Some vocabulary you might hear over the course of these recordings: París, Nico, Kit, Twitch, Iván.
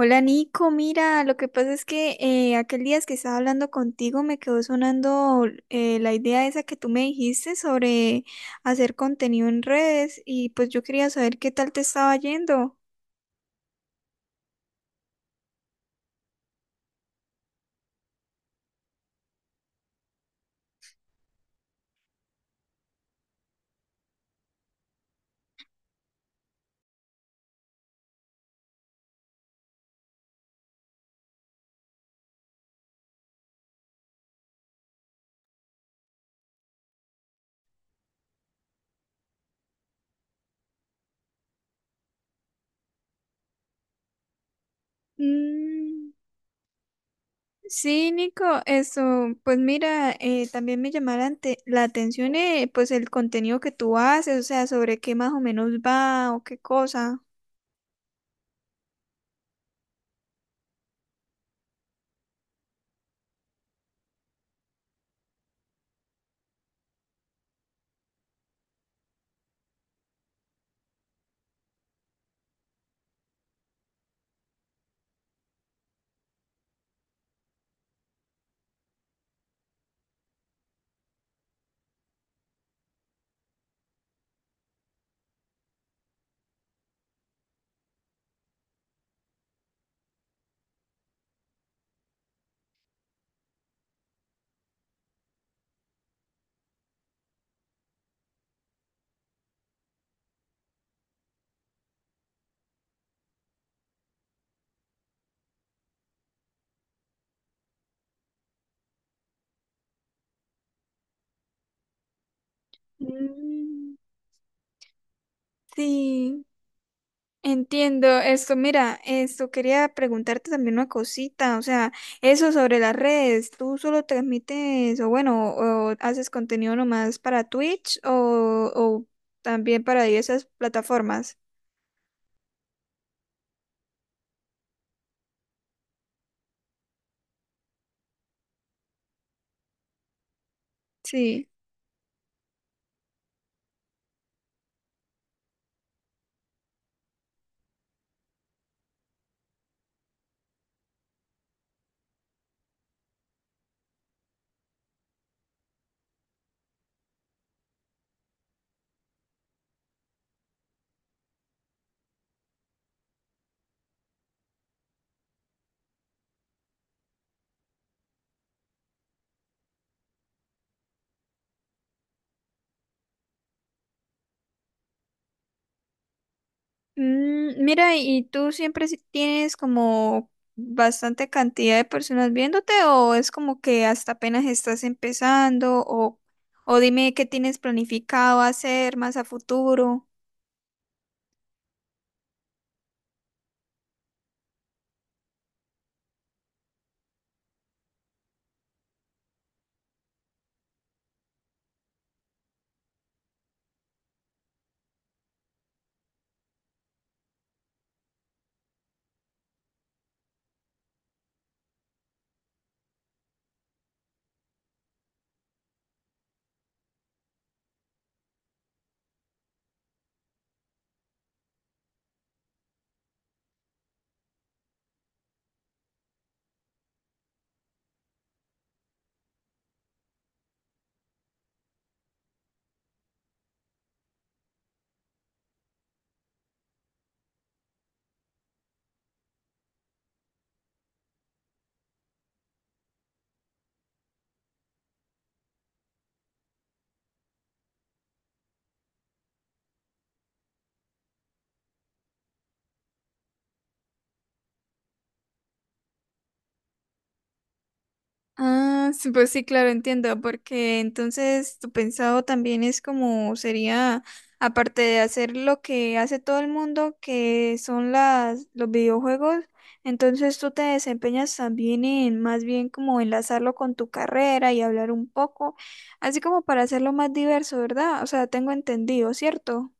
Hola Nico, mira, lo que pasa es que aquel día que estaba hablando contigo me quedó sonando la idea esa que tú me dijiste sobre hacer contenido en redes y pues yo quería saber qué tal te estaba yendo. Mm, sí, Nico, eso, pues mira, también me llamó la, la atención, pues el contenido que tú haces, o sea, sobre qué más o menos va o qué cosa. Mm, sí. Entiendo esto. Mira, esto quería preguntarte también una cosita, o sea, eso sobre las redes, ¿tú solo transmites o bueno, o haces contenido nomás para Twitch o también para diversas plataformas? Sí. Mm, mira, ¿y tú siempre tienes como bastante cantidad de personas viéndote o es como que hasta apenas estás empezando o dime qué tienes planificado hacer más a futuro? Ah, sí, pues sí, claro, entiendo, porque entonces tu pensado también es como sería, aparte de hacer lo que hace todo el mundo, que son las, los videojuegos, entonces tú te desempeñas también en más bien como enlazarlo con tu carrera y hablar un poco, así como para hacerlo más diverso, ¿verdad? O sea, tengo entendido, ¿cierto?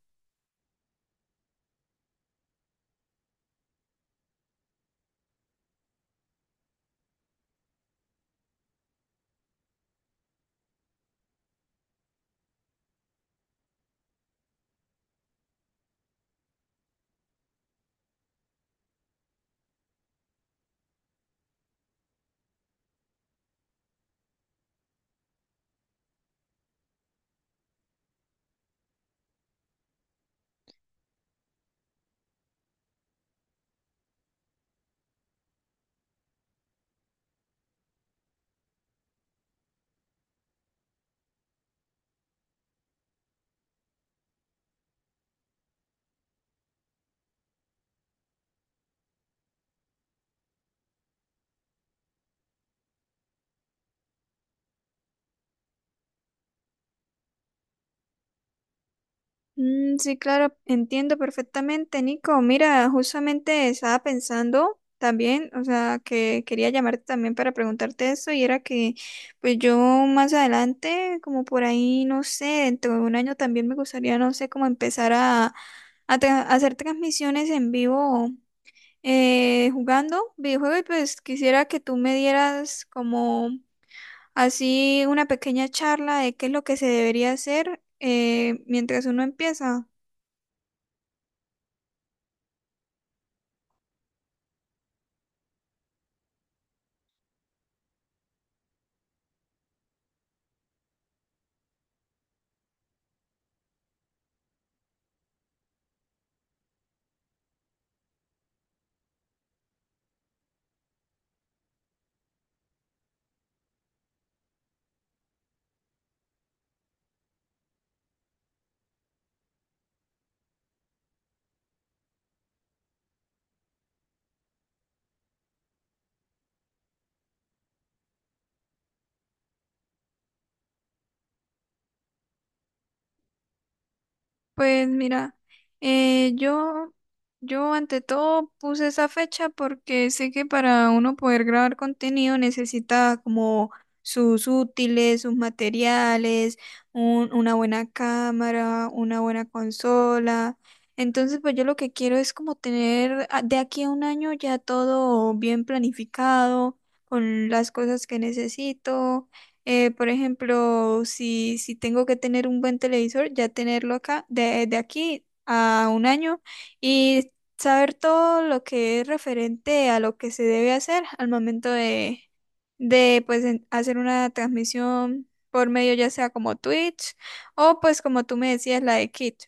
Mm, sí, claro, entiendo perfectamente, Nico. Mira, justamente estaba pensando también, o sea, que quería llamarte también para preguntarte eso y era que, pues yo más adelante, como por ahí, no sé, dentro de un año también me gustaría, no sé, como empezar a, a hacer transmisiones en vivo, jugando videojuegos y pues quisiera que tú me dieras como así una pequeña charla de qué es lo que se debería hacer, mientras uno empieza. Pues mira, eh, yo, yo ante todo puse esa fecha porque sé que para uno poder grabar contenido necesita como sus útiles, sus materiales, una buena cámara, una buena consola. Entonces, pues yo lo que quiero es como tener de aquí a un año ya todo bien planificado, con las cosas que necesito. Por ejemplo, si tengo que tener un buen televisor, ya tenerlo acá, de aquí a un año, y saber todo lo que es referente a lo que se debe hacer al momento de pues, hacer una transmisión por medio ya sea como Twitch o pues como tú me decías, la de Kit.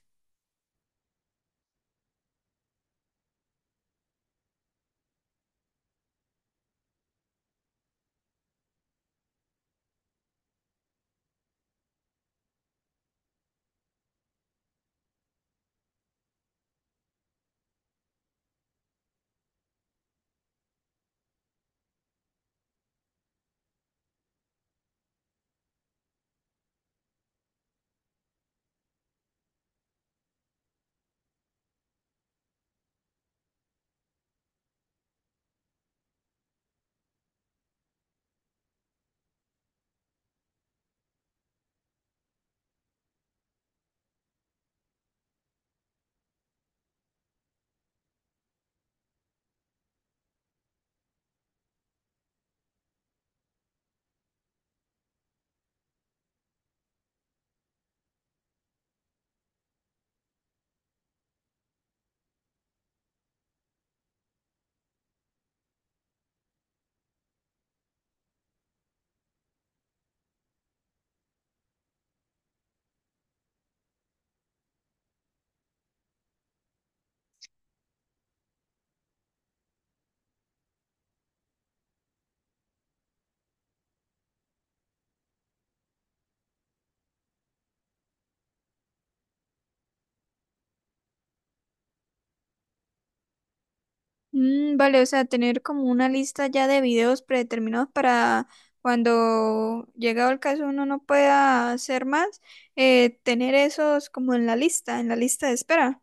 Mm, vale, o sea, tener como una lista ya de videos predeterminados para cuando llegado el caso uno no pueda hacer más, tener esos como en la lista de espera.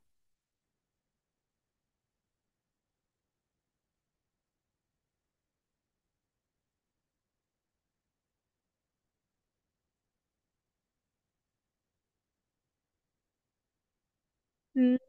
Mm,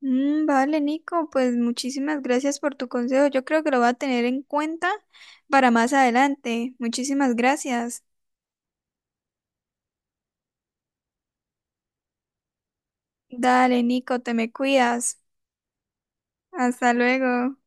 mm, vale, Nico, pues muchísimas gracias por tu consejo. Yo creo que lo voy a tener en cuenta para más adelante. Muchísimas gracias. Dale, Nico, te me cuidas. Hasta luego.